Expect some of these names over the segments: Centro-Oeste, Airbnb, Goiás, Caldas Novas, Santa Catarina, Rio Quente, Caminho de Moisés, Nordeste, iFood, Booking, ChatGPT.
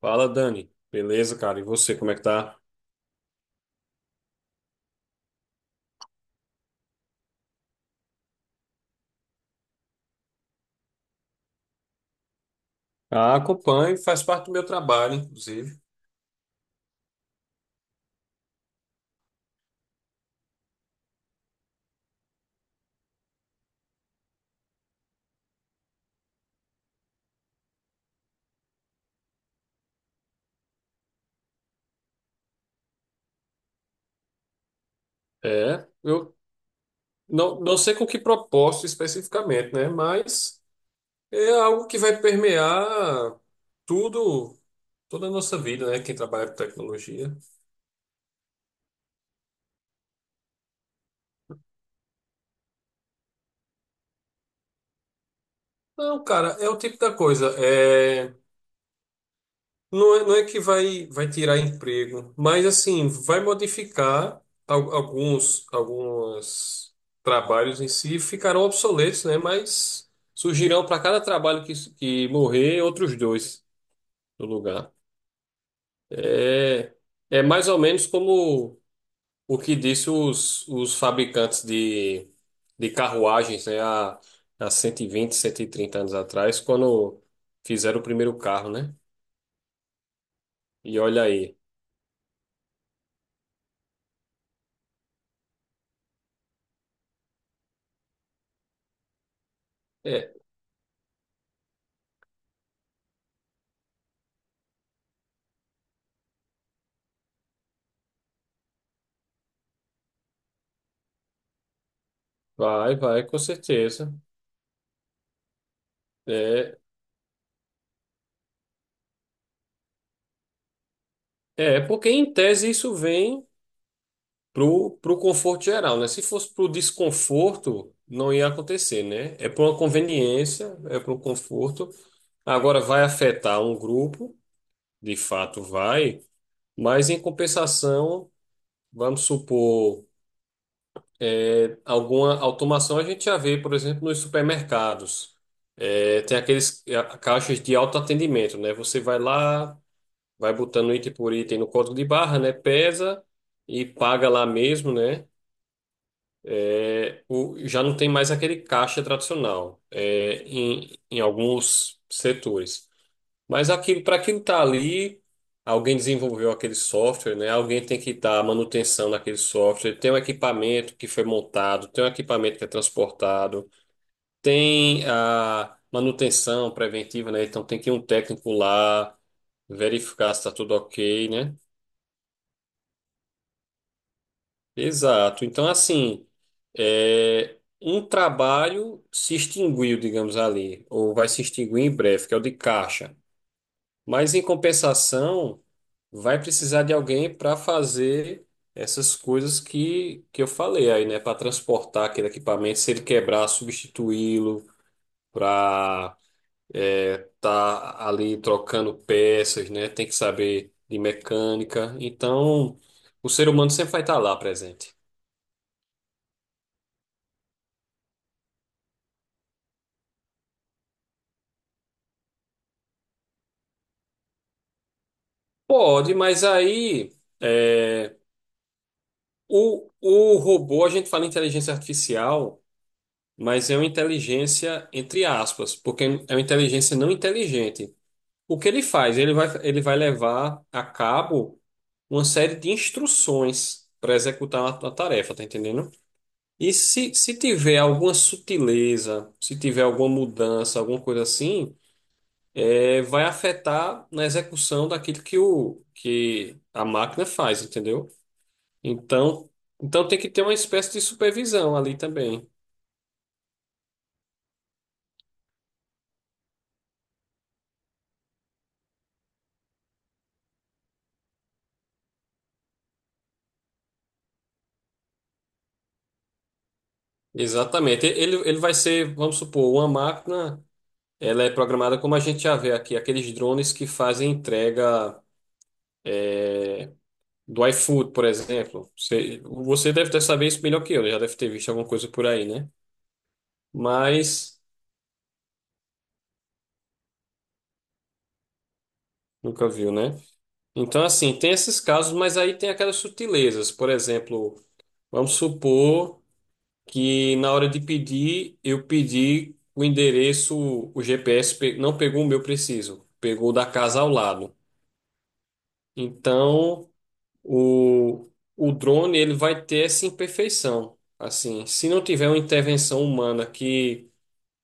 Fala, Dani. Beleza, cara? E você, como é que tá? Ah, acompanho, faz parte do meu trabalho, inclusive. É, eu não sei com que propósito especificamente, né? Mas é algo que vai permear tudo, toda a nossa vida, né? Quem trabalha com tecnologia. Não, cara, é o tipo da coisa. É, não é que vai tirar emprego, mas assim, vai modificar alguns trabalhos em si, ficarão obsoletos, né? Mas surgirão para cada trabalho que morrer, outros dois no lugar. É, é mais ou menos como o que disse os fabricantes de carruagens, né? Há 120, 130 anos atrás, quando fizeram o primeiro carro, né? E olha aí. é, Vai, vai, com certeza. É, é porque em tese isso vem pro conforto geral, né? Se fosse pro desconforto, não ia acontecer, né? É por uma conveniência, é pro conforto. Agora vai afetar um grupo, de fato vai, mas em compensação, vamos supor, alguma automação a gente já vê, por exemplo, nos supermercados. É, tem aqueles caixas de autoatendimento, né? Você vai lá, vai botando item por item no código de barra, né? Pesa e paga lá mesmo, né? É, já não tem mais aquele caixa tradicional em alguns setores. Mas para aquilo tá ali, alguém desenvolveu aquele software, né? Alguém tem que dar manutenção naquele software. Tem um equipamento que foi montado, tem um equipamento que é transportado, tem a manutenção preventiva, né? Então tem que ir um técnico lá verificar se está tudo ok, né? Exato. Então, assim, um trabalho se extinguiu, digamos ali, ou vai se extinguir em breve, que é o de caixa. Mas, em compensação, vai precisar de alguém para fazer essas coisas que eu falei aí, né? Para transportar aquele equipamento, se ele quebrar, substituí-lo, para estar ali trocando peças, né? Tem que saber de mecânica. Então, o ser humano sempre vai estar lá presente. Pode, mas aí é, o robô, a gente fala inteligência artificial, mas é uma inteligência entre aspas, porque é uma inteligência não inteligente. O que ele faz? Ele vai levar a cabo uma série de instruções para executar a uma tarefa, tá entendendo? E se tiver alguma sutileza, se tiver alguma mudança, alguma coisa assim, vai afetar na execução daquilo que a máquina faz, entendeu? Então, então tem que ter uma espécie de supervisão ali também. Exatamente. Ele vai ser, vamos supor, uma máquina, ela é programada como a gente já vê aqui, aqueles drones que fazem entrega, é, do iFood, por exemplo. Você deve ter saber isso melhor que eu, né? Já deve ter visto alguma coisa por aí, né? Mas nunca viu, né? Então, assim, tem esses casos, mas aí tem aquelas sutilezas. Por exemplo, vamos supor que na hora de pedir, eu pedi o endereço, o GPS não pegou o meu preciso, pegou o da casa ao lado. Então, o, o drone ele vai ter essa imperfeição. Assim, se não tiver uma intervenção humana que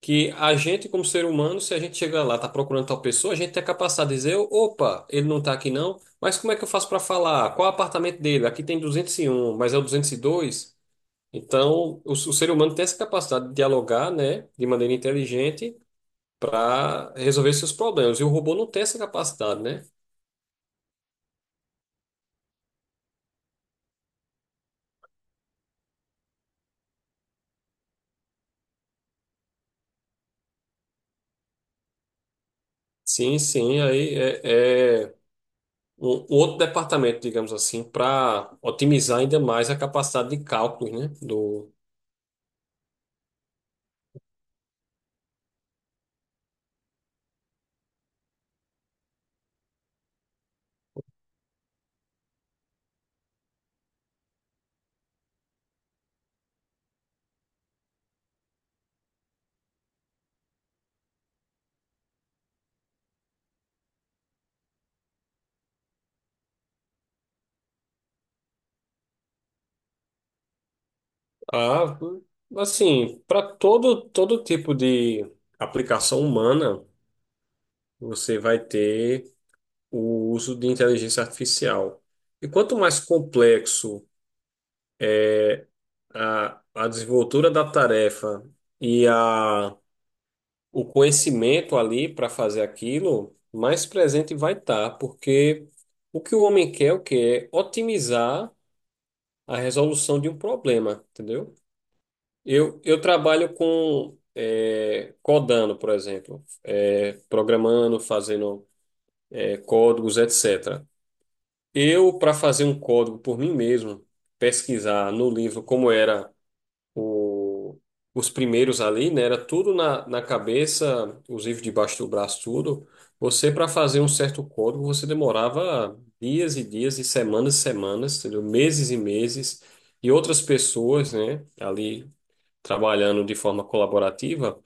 a gente como ser humano, se a gente chega lá, tá procurando tal pessoa, a gente é capaz de dizer, opa, ele não tá aqui não, mas como é que eu faço para falar? Qual é o apartamento dele? Aqui tem 201, mas é o 202. Então, o ser humano tem essa capacidade de dialogar, né, de maneira inteligente para resolver seus problemas. E o robô não tem essa capacidade, né? Sim, sim, aí é um outro departamento, digamos assim, para otimizar ainda mais a capacidade de cálculos, né, ah, assim, para todo tipo de aplicação humana, você vai ter o uso de inteligência artificial. E quanto mais complexo a desenvoltura da tarefa e o conhecimento ali para fazer aquilo, mais presente vai estar, porque o que o homem quer, é o que é otimizar a resolução de um problema, entendeu? Eu trabalho com codando, por exemplo, programando, fazendo códigos, etc. Eu, para fazer um código por mim mesmo, pesquisar no livro como era o- os primeiros ali, né? Era tudo na cabeça, os livros debaixo do braço, tudo. Você, para fazer um certo código, você demorava dias e dias e semanas, entendeu? Meses e meses. E outras pessoas, né? Ali trabalhando de forma colaborativa.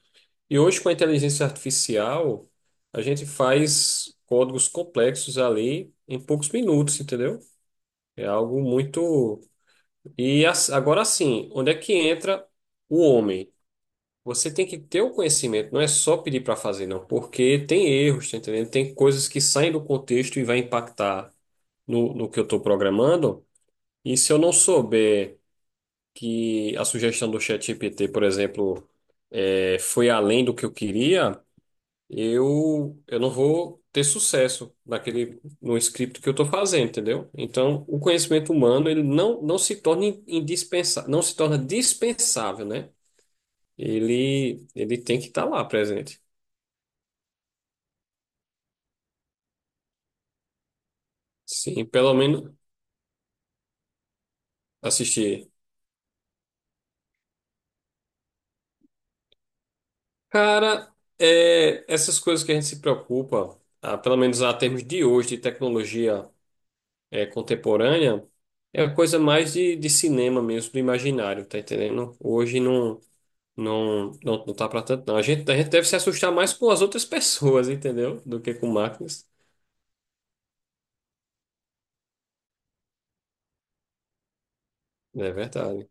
E hoje, com a inteligência artificial, a gente faz códigos complexos ali em poucos minutos, entendeu? É algo muito. E agora sim, onde é que entra o homem? Você tem que ter o conhecimento, não é só pedir para fazer, não, porque tem erros, tá entendendo? Tem coisas que saem do contexto e vai impactar no que eu estou programando. E se eu não souber que a sugestão do ChatGPT, por exemplo, foi além do que eu queria, eu não vou ter sucesso no script que eu estou fazendo, entendeu? Então, o conhecimento humano, ele não se torna indispensável, não se torna dispensável, né? Ele tem que estar lá presente. Sim, pelo menos assistir. Cara, essas coisas que a gente se preocupa, ah, pelo menos a termos de hoje, de tecnologia, contemporânea, é coisa mais de cinema mesmo, do imaginário, tá entendendo? Hoje não, não tá pra tanto, não. A gente deve se assustar mais com as outras pessoas, entendeu? Do que com máquinas. É verdade.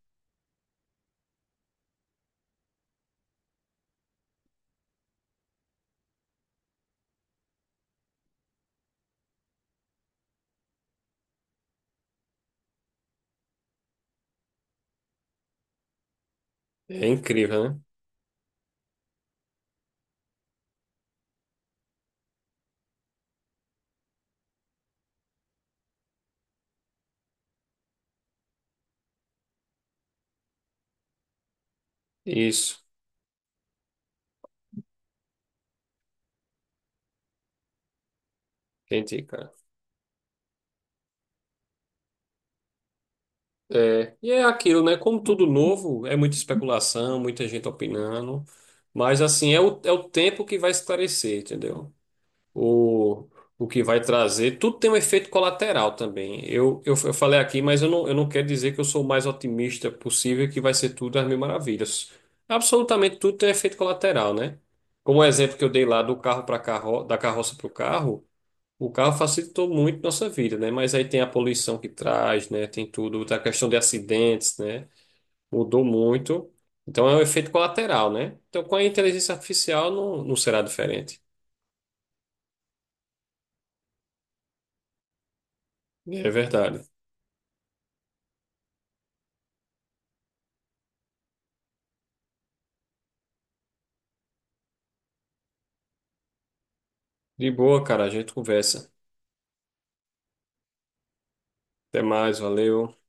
É incrível, né? Isso. Entendi, cara. É, e é aquilo, né? Como tudo novo, é muita especulação, muita gente opinando, mas assim, é o tempo que vai esclarecer, entendeu? O, o que vai trazer. Tudo tem um efeito colateral também. Eu falei aqui, mas eu não quero dizer que eu sou o mais otimista possível, que vai ser tudo às mil maravilhas. Absolutamente tudo tem efeito colateral, né? Como o exemplo que eu dei lá do carro para carro, da carroça para o carro. O carro facilitou muito nossa vida, né? Mas aí tem a poluição que traz, né? Tem tudo, a questão de acidentes, né? Mudou muito. Então é um efeito colateral, né? Então com a inteligência artificial não será diferente. É verdade. De boa, cara, a gente conversa. Até mais, valeu.